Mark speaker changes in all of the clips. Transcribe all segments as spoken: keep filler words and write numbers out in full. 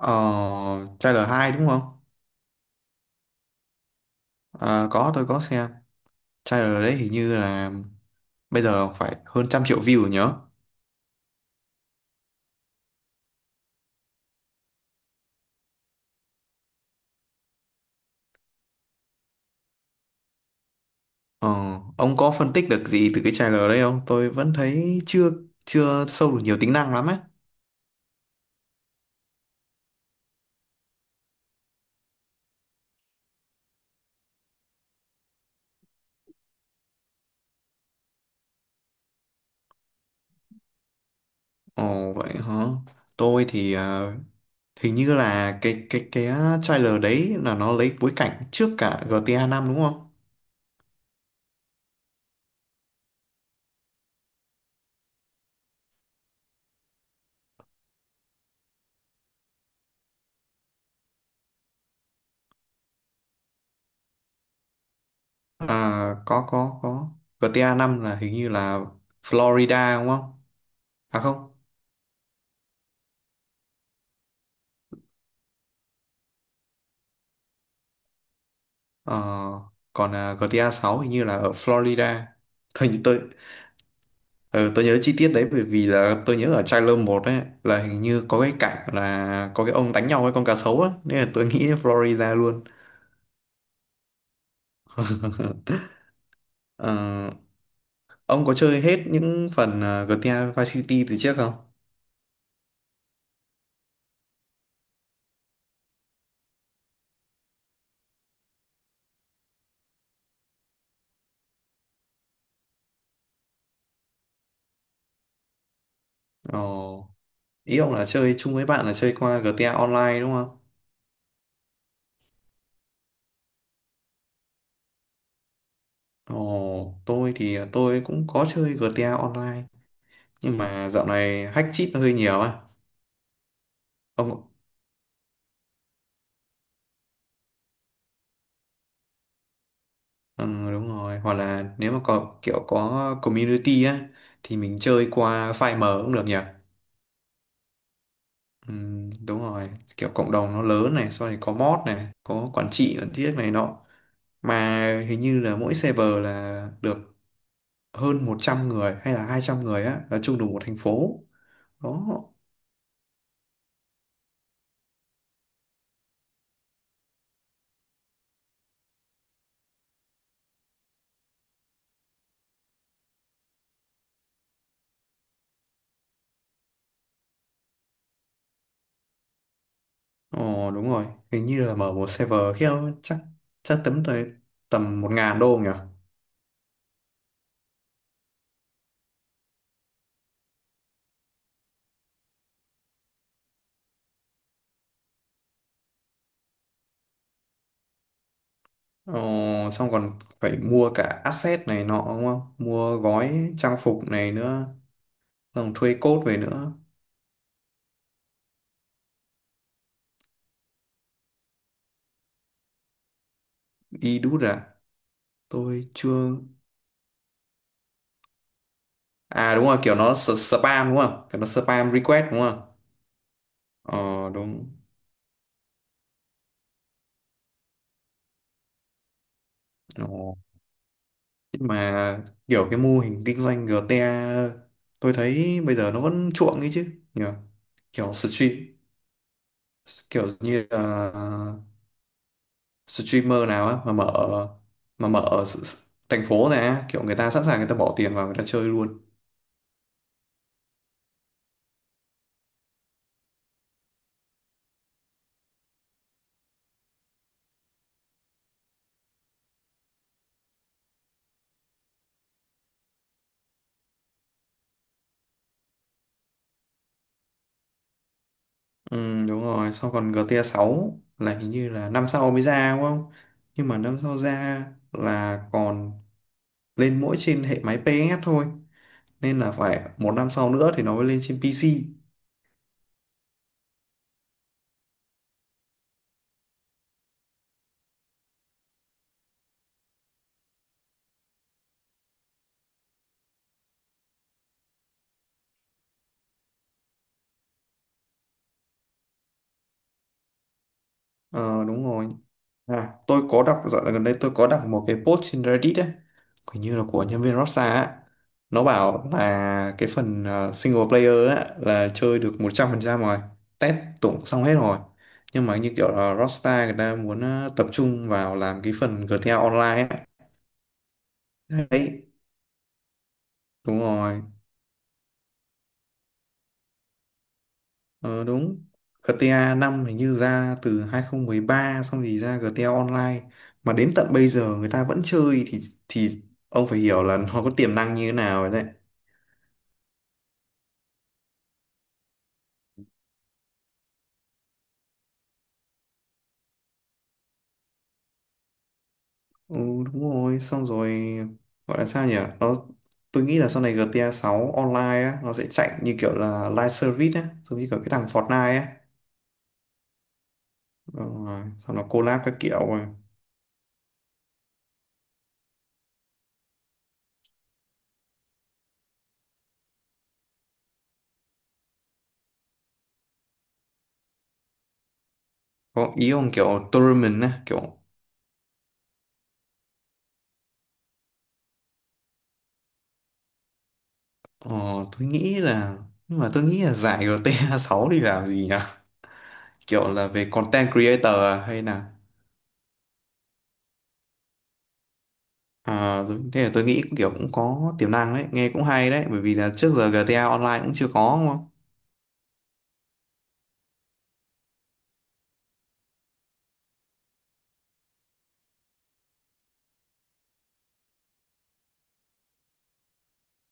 Speaker 1: Ờ, trailer hai đúng không? Ờ, có tôi có xem. Trailer đấy hình như là bây giờ phải hơn trăm triệu view rồi nhớ. Ờ, ông có phân tích được gì từ cái trailer đấy không? Tôi vẫn thấy chưa chưa sâu được nhiều tính năng lắm ấy. Ồ vậy hả? Tôi thì ờ, hình như là cái cái cái trailer đấy là nó lấy bối cảnh trước cả giê tê a năm đúng không? À, có có có. giê tê a năm là hình như là Florida đúng không? À không. Ờ, còn à, gi ti ây sáu hình như là ở Florida. Thôi như tôi ờ, tôi nhớ chi tiết đấy bởi vì là tôi nhớ ở trailer một ấy là hình như có cái cảnh là có cái ông đánh nhau với con cá sấu á nên là tôi nghĩ Florida luôn. Ờ, ông có chơi hết những phần à, giê tê a Vice City từ trước không? Ồ, ý ông là chơi chung với bạn là chơi qua giê tê a Online đúng không? Ồ, tôi thì tôi cũng có chơi giê tê a Online nhưng mà dạo này hack cheat nó hơi nhiều á. Ông. Ừ, đúng rồi, hoặc là nếu mà có kiểu có community á thì mình chơi qua file mở cũng được nhỉ. Ừ, đúng rồi, kiểu cộng đồng nó lớn này, sau này có mod này, có quản trị quản tiết này nọ, mà hình như là mỗi server là được hơn một trăm người hay là hai trăm người á, là chung đủ một thành phố đó. Ồ, đúng rồi, hình như là mở một server kia chắc chắc tấm tới tầm một ngàn đô nhỉ. Ờ, xong còn phải mua cả asset này nọ đúng không? Mua gói trang phục này nữa, xong thuê code về nữa. Đi đút à? Tôi chưa... À đúng rồi, kiểu nó s- spam đúng không? Kiểu nó spam request đúng không? Ờ đúng. Ồ. Nhưng mà kiểu cái mô hình kinh doanh giê tê a tôi thấy bây giờ nó vẫn chuộng ấy chứ. Nhờ. Kiểu stream, kiểu như là streamer nào á mà mở mà mở ở s- s- thành phố này á, kiểu người ta sẵn sàng, người ta bỏ tiền vào, người ta chơi luôn. Ừ, đúng rồi, xong còn giê tê a sáu là hình như là năm sau mới ra đúng không, nhưng mà năm sau ra là còn lên mỗi trên hệ máy pê ét thôi, nên là phải một năm sau nữa thì nó mới lên trên pê xê. Ờ đúng rồi. À, tôi có đọc dạo gần đây tôi có đọc một cái post trên Reddit ấy, hình như là của nhân viên Rockstar á. Nó bảo là cái phần ờ, single player á, là chơi được một trăm phần trăm rồi, test tụng xong hết rồi. Nhưng mà như kiểu là Rockstar người ta muốn ờ, tập trung vào làm cái phần gi ti ây Online ấy. Đấy, đúng rồi. Ờ, đúng. giê tê a năm hình như ra từ hai không một ba, xong thì ra giê tê a Online, mà đến tận bây giờ người ta vẫn chơi thì thì ông phải hiểu là nó có tiềm năng như thế nào rồi đấy. Ừ, đúng rồi, xong rồi gọi là sao nhỉ, nó tôi nghĩ là sau này giê tê a sáu online á nó sẽ chạy như kiểu là live service á, giống như kiểu cái thằng Fortnite á. Đúng rồi, xong nó collab các kiểu rồi. Có ý ông kiểu tournament á kiểu... ờ, tôi nghĩ là nhưng mà tôi nghĩ là giải giê tê a sáu thì làm gì nhỉ, kiểu là về content creator à, hay là... À, thế là tôi nghĩ kiểu cũng có tiềm năng đấy, nghe cũng hay đấy, bởi vì là trước giờ giê tê a online cũng chưa có.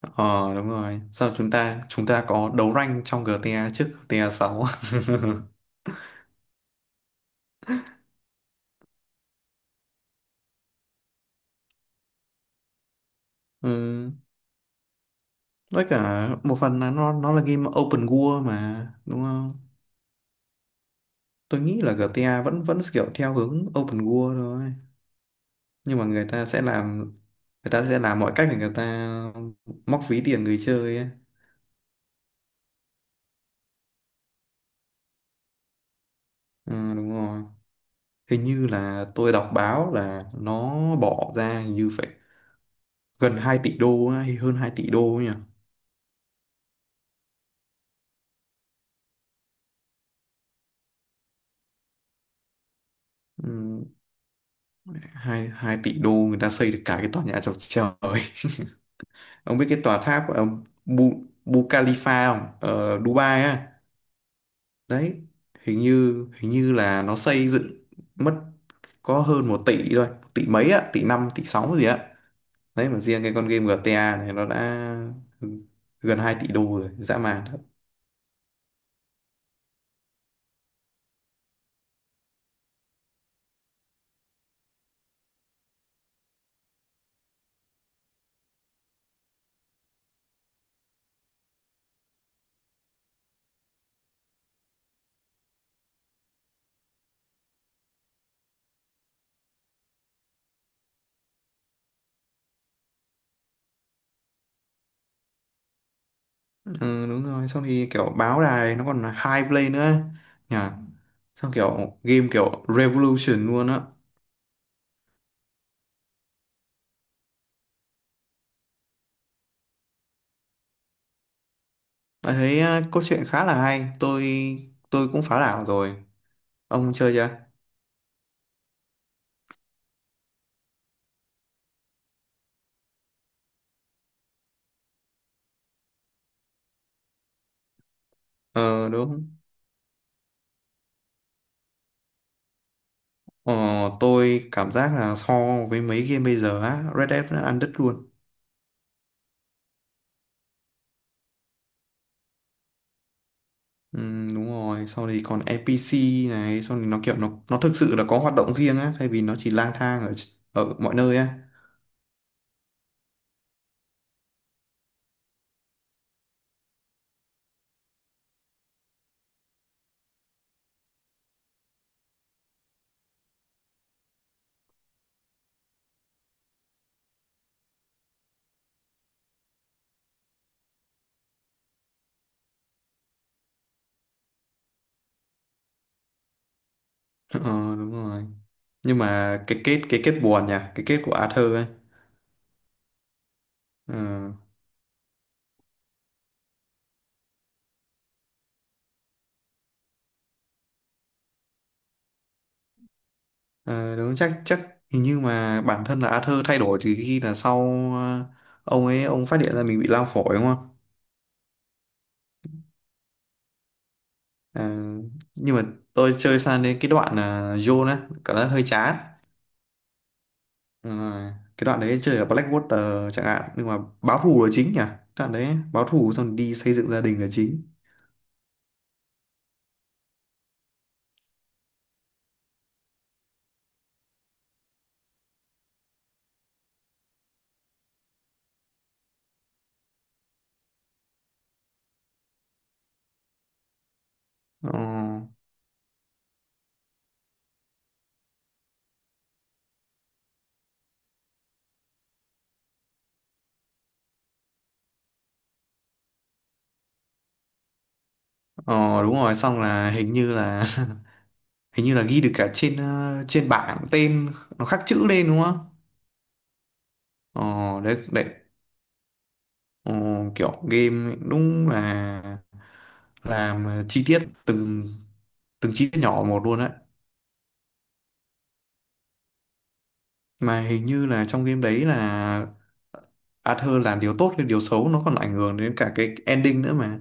Speaker 1: Ờ đúng rồi. Sao chúng ta chúng ta có đấu rank trong giê tê a trước GTA sáu ừ. Với cả một phần là nó nó là game open world mà đúng không? Tôi nghĩ là giê tê a vẫn vẫn kiểu theo hướng open world thôi. Nhưng mà người ta sẽ làm người ta sẽ làm mọi cách để người ta móc ví tiền người chơi ấy. Ừ, đúng rồi. Hình như là tôi đọc báo là nó bỏ ra hình như phải gần hai tỷ đô á, hay hơn hai tỷ đô nhỉ. Ừ, hai hai tỷ đô người ta xây được cả cái tòa nhà chọc trời ông biết cái tòa tháp ờ, Bu, Bu Khalifa không, ở Dubai á. Đấy, hình như hình như là nó xây dựng mất có hơn một tỷ thôi, một tỷ mấy á, tỷ năm tỷ sáu gì á. Đấy, mà riêng cái con game gi ti ây này nó đã gần hai tỷ đô rồi, dã man thật. Ừ, đúng rồi, xong thì kiểu báo đài nó còn là high play nữa nhà. Xong kiểu game kiểu revolution luôn á. Bạn thấy à, cốt truyện khá là hay. Tôi tôi cũng phá đảo rồi. Ông chơi chưa? Ờ đúng. Ờ, tôi cảm giác là so với mấy game bây giờ á, Red Dead vẫn ăn đứt luôn. Ừ, đúng rồi. Sau thì còn en pê xê này, sau thì nó kiểu nó nó thực sự là có hoạt động riêng á, thay vì nó chỉ lang thang ở ở mọi nơi á. Ờ đúng rồi. Nhưng mà cái kết cái kết buồn nhỉ, cái kết của Arthur ấy. Ờ. Ờ, đúng, chắc chắc hình như mà bản thân là Arthur thay đổi từ khi là sau ờ, ông ấy ông phát hiện ra mình bị lao phổi đúng không? Ờ, nhưng mà tôi chơi sang đến cái đoạn là John á cảm giác hơi chán. Ờ, cái đoạn đấy chơi ở Blackwater chẳng hạn, nhưng mà báo thù là chính nhỉ? Đoạn đấy báo thù xong đi xây dựng gia đình là chính. Ờ, ờ, đúng rồi, xong là hình như là hình như là ghi được cả trên ờ, trên bảng tên, nó khắc chữ lên đúng không? Ờ, đấy, đấy. Ờ, kiểu game đúng là làm chi tiết từng từng chi tiết nhỏ một luôn đấy, mà hình như là trong game đấy là Arthur làm điều tốt hay điều xấu nó còn ảnh hưởng đến cả cái ending nữa mà.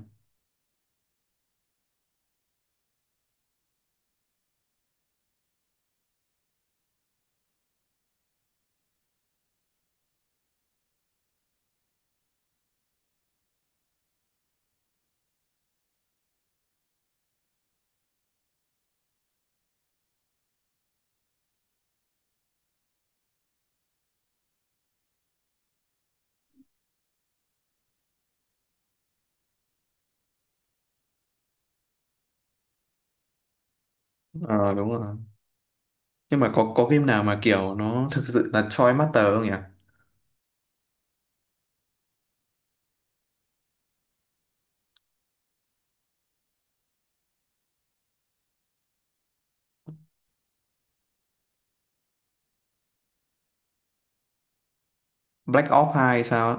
Speaker 1: Ờ đúng rồi. Nhưng mà có có game nào mà kiểu nó thực sự là choi master không nhỉ. Black Ops hai hay sao á?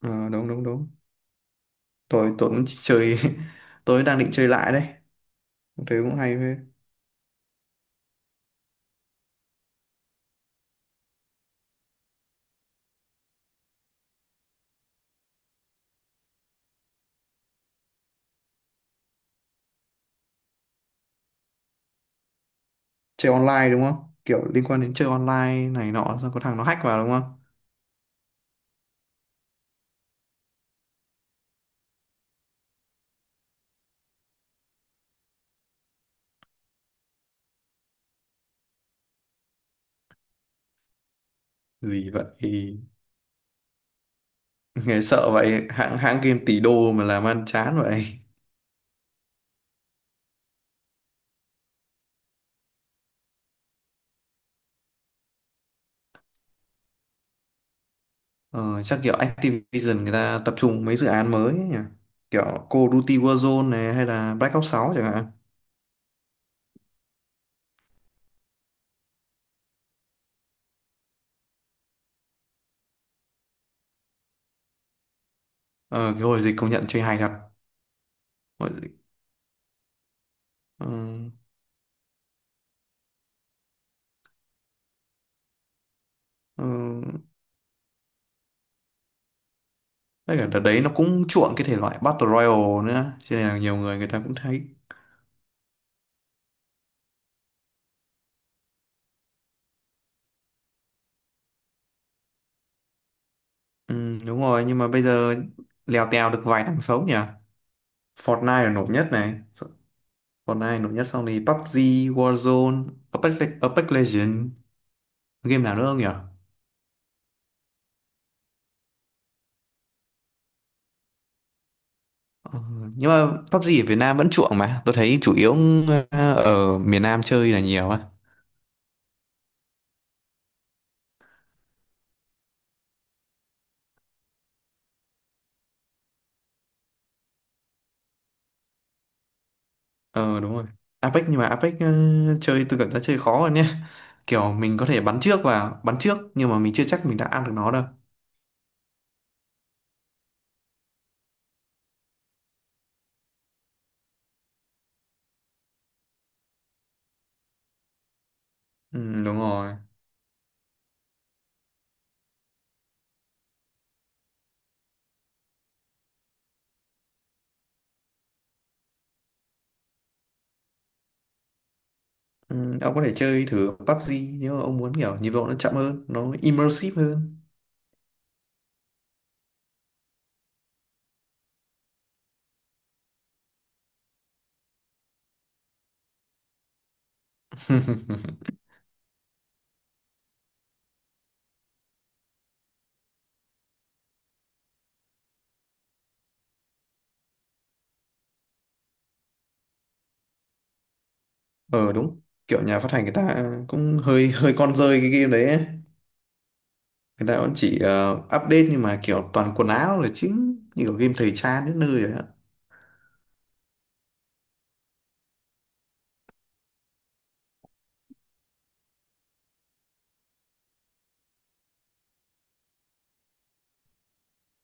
Speaker 1: Ờ, đúng đúng đúng, tôi tôi cũng chơi. Tôi đang định chơi lại đấy. Tôi cũng hay phết. Chơi online đúng không, kiểu liên quan đến chơi online này nọ, sao có thằng nó hack vào đúng không? Gì vậy? Nghe sợ vậy, hãng hãng game tỷ đô mà làm ăn chán vậy. Ờ, chắc kiểu Activision người ta tập trung mấy dự án mới ấy nhỉ, kiểu Call of Duty Warzone này hay là Black Ops sáu chẳng hạn. Ờ, cái hồi dịch công nhận chơi hay thật, hồi dịch. Ờ, ờ, tất cả đợt đấy nó cũng chuộng cái thể loại Battle Royale nữa, cho nên là nhiều người người ta cũng thấy. Ừ, đúng rồi, nhưng mà bây giờ lèo tèo được vài thằng sống nhỉ. Fortnite là nổi nhất này. Còn ai nổi nhất sau này, pu bi gi, Warzone, Apex, Le- Apex Legends. Game nào nữa không nhỉ? Ờ, nhưng mà pu bi gi ở Việt Nam vẫn chuộng mà. Tôi thấy chủ yếu ờ, ở miền Nam chơi là nhiều á. Ờ đúng rồi. Apex, nhưng mà Apex ờ, chơi tôi cảm giác chơi khó hơn nhé. Kiểu mình có thể bắn trước và Bắn trước nhưng mà mình chưa chắc mình đã ăn được nó đâu. Ừ đúng rồi. Ừ, ông có thể chơi thử pu bi gi, nếu mà ông muốn kiểu nhịp độ nó chậm hơn, nó immersive hơn. Ờ đúng, kiểu nhà phát hành người ta cũng hơi hơi con rơi cái game đấy ấy. Người ta vẫn chỉ ờ, update nhưng mà kiểu toàn quần áo là chính, như kiểu game thời trang đến nơi rồi ạ.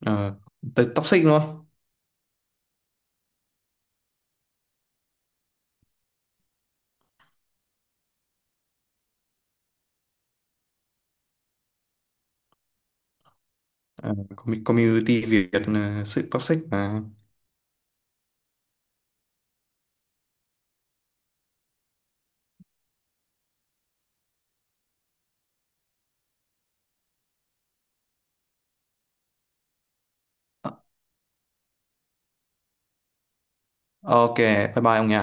Speaker 1: Ờ tới toxic luôn. Ờ, commu- community Việt uh, sự toxic mà. Ok, bye bye ông nhỉ.